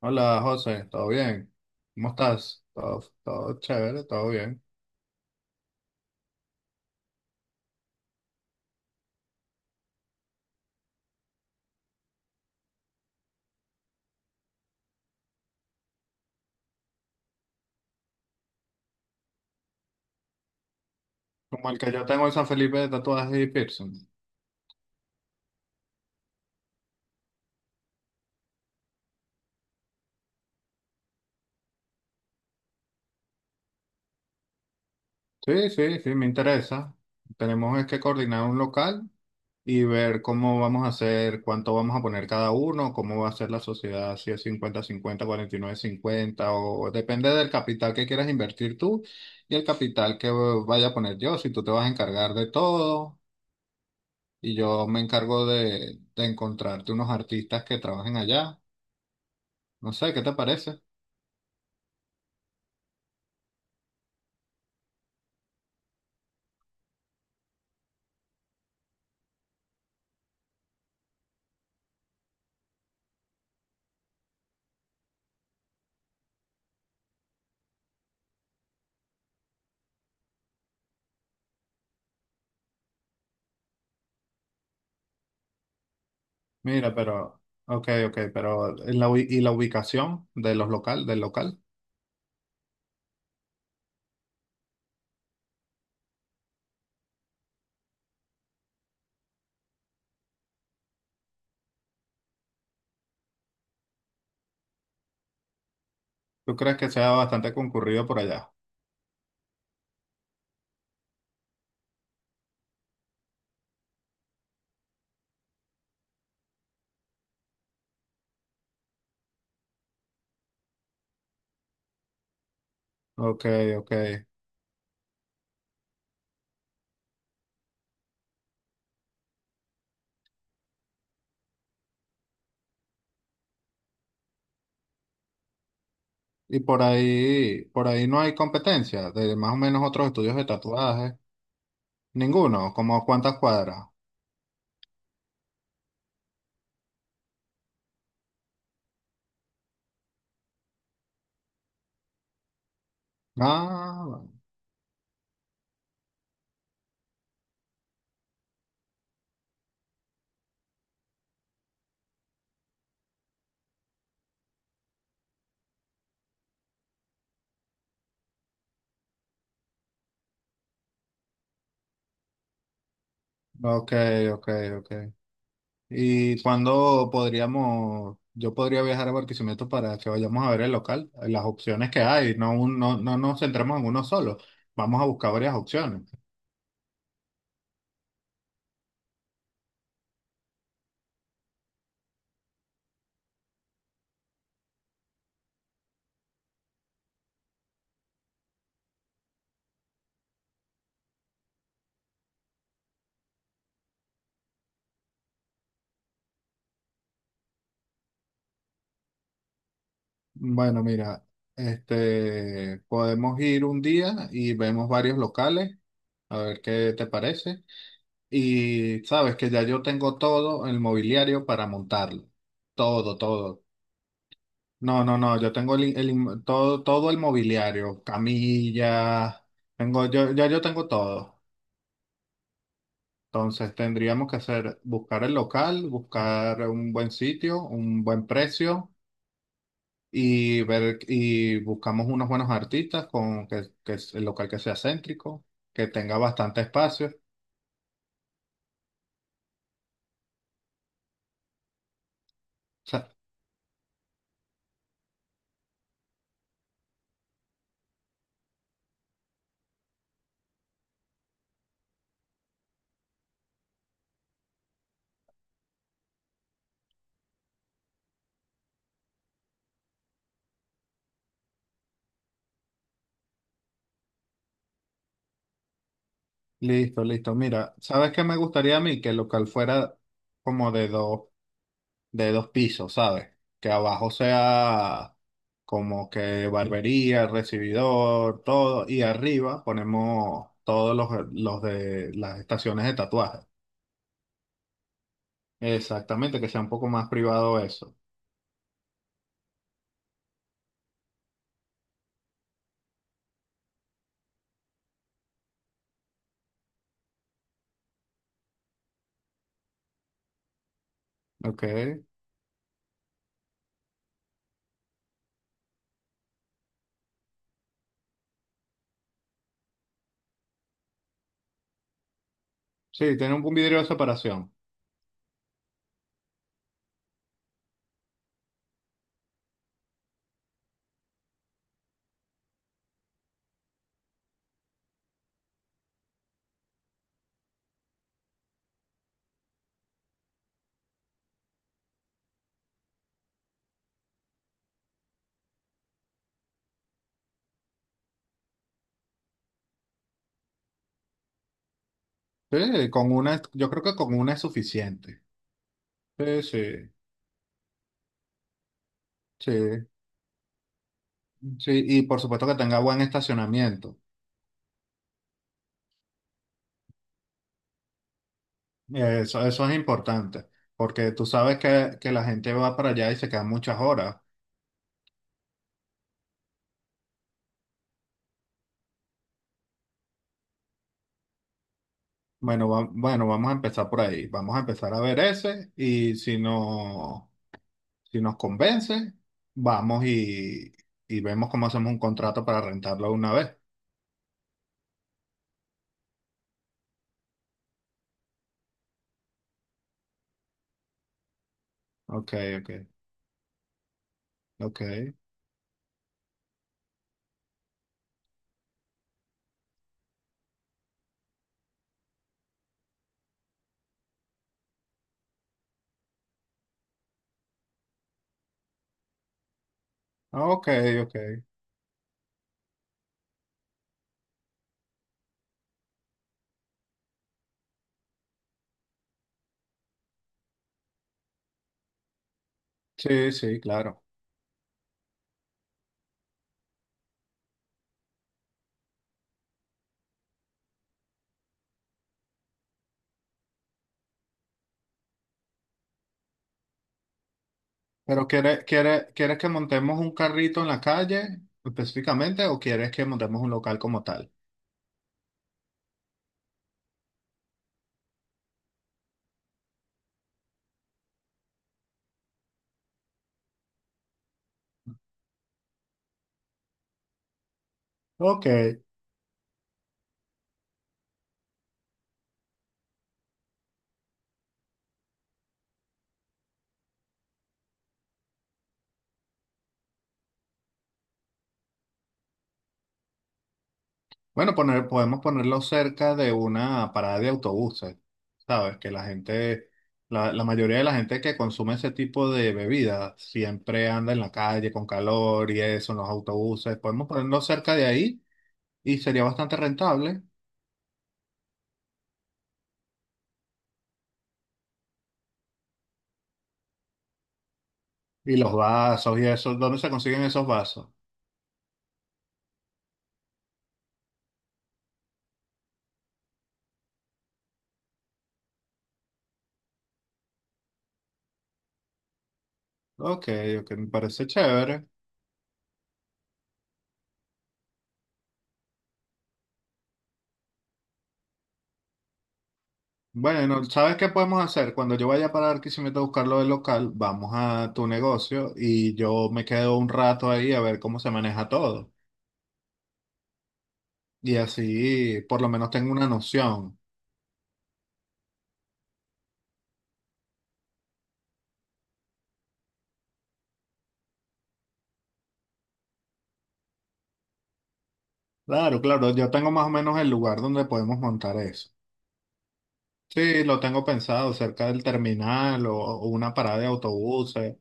Hola José, ¿todo bien? ¿Cómo estás? Todo, todo chévere, todo bien. Como el que yo tengo en San Felipe de tatuajes y piercing. Sí, sí, sí, me interesa. Tenemos es que coordinar un local y ver cómo vamos a hacer, cuánto vamos a poner cada uno, cómo va a ser la sociedad, si es 50-50, 49-50 o depende del capital que quieras invertir tú y el capital que vaya a poner yo, si tú te vas a encargar de todo y yo me encargo de encontrarte unos artistas que trabajen allá. No sé, ¿qué te parece? Mira, pero, ok, ok, pero ¿y y la ubicación de del local? ¿Tú crees que sea bastante concurrido por allá? Ok, ok. Y por ahí no hay competencia de más o menos otros estudios de tatuaje. Ninguno, como cuántas cuadras. Ah, bueno. Ok, ok, ok. ¿Y cuándo podríamos, yo podría viajar a Barquisimeto para que vayamos a ver el local, las opciones que hay, no, no, no nos centramos en uno solo. Vamos a buscar varias opciones. Bueno, mira, este, podemos ir un día y vemos varios locales, a ver qué te parece. Y sabes que ya yo tengo todo el mobiliario para montarlo. Todo, todo. No, no, no, yo tengo todo el mobiliario, camillas, ya yo tengo todo. Entonces tendríamos que hacer, buscar el local, buscar un buen sitio, un buen precio. Y ver y buscamos unos buenos artistas con que es el local que sea céntrico, que tenga bastante espacio. Sa- Listo, listo. Mira, ¿sabes qué me gustaría a mí? Que el local fuera como de dos pisos, ¿sabes? Que abajo sea como que barbería, recibidor, todo, y arriba ponemos todos los de las estaciones de tatuaje. Exactamente, que sea un poco más privado eso. Ok. Sí, tiene un vidrio de separación. Sí, con una, yo creo que con una es suficiente. Sí, sí, sí, sí. Y por supuesto que tenga buen estacionamiento. Eso es importante, porque tú sabes que la gente va para allá y se quedan muchas horas. Bueno, vamos a empezar por ahí. Vamos a empezar a ver ese y si no, si nos convence, vamos y vemos cómo hacemos un contrato para rentarlo una vez. Ok, ok, ok, ok, ok. Sí, sí, claro. Pero ¿quieres que montemos un carrito en la calle específicamente o quieres que montemos un local como tal? Ok. Bueno, podemos ponerlo cerca de una parada de autobuses. Sabes que la mayoría de la gente que consume ese tipo de bebidas siempre anda en la calle con calor y eso, en los autobuses. Podemos ponerlo cerca de ahí y sería bastante rentable. Y los vasos y eso, ¿dónde se consiguen esos vasos? Ok, ok, me parece chévere. Bueno, ¿sabes qué podemos hacer? Cuando yo vaya para Barquisimeto a buscar lo del local, vamos a tu negocio y yo me quedo un rato ahí a ver cómo se maneja todo. Y así por lo menos tengo una noción. Claro, claro, yo tengo más o menos el lugar donde podemos montar eso. Sí, lo tengo pensado, cerca del terminal o una parada de autobuses.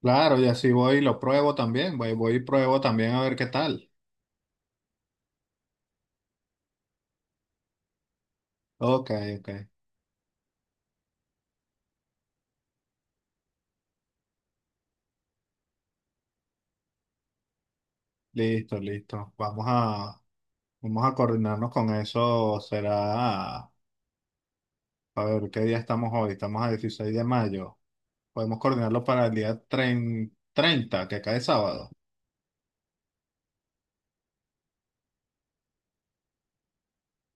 Claro, y así voy y lo pruebo también, voy y pruebo también a ver qué tal. Ok, ok. Listo, listo. Vamos a coordinarnos con eso. Será, a ver, ¿qué día estamos hoy? Estamos a 16 de mayo. Podemos coordinarlo para el día 30, que cae sábado.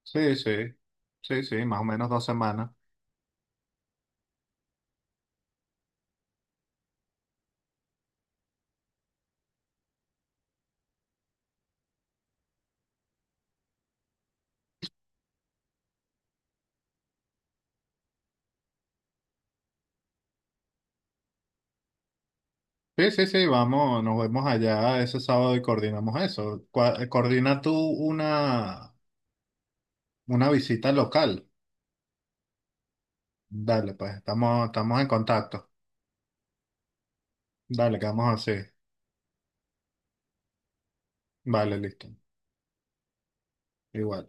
Sí, sí, sí, sí, más o menos 2 semanas. Sí, sí, sí, vamos, nos vemos allá ese sábado y coordinamos eso. Coordina tú una visita local. Dale, pues, estamos en contacto. Dale, quedamos así. Vale, listo. Igual.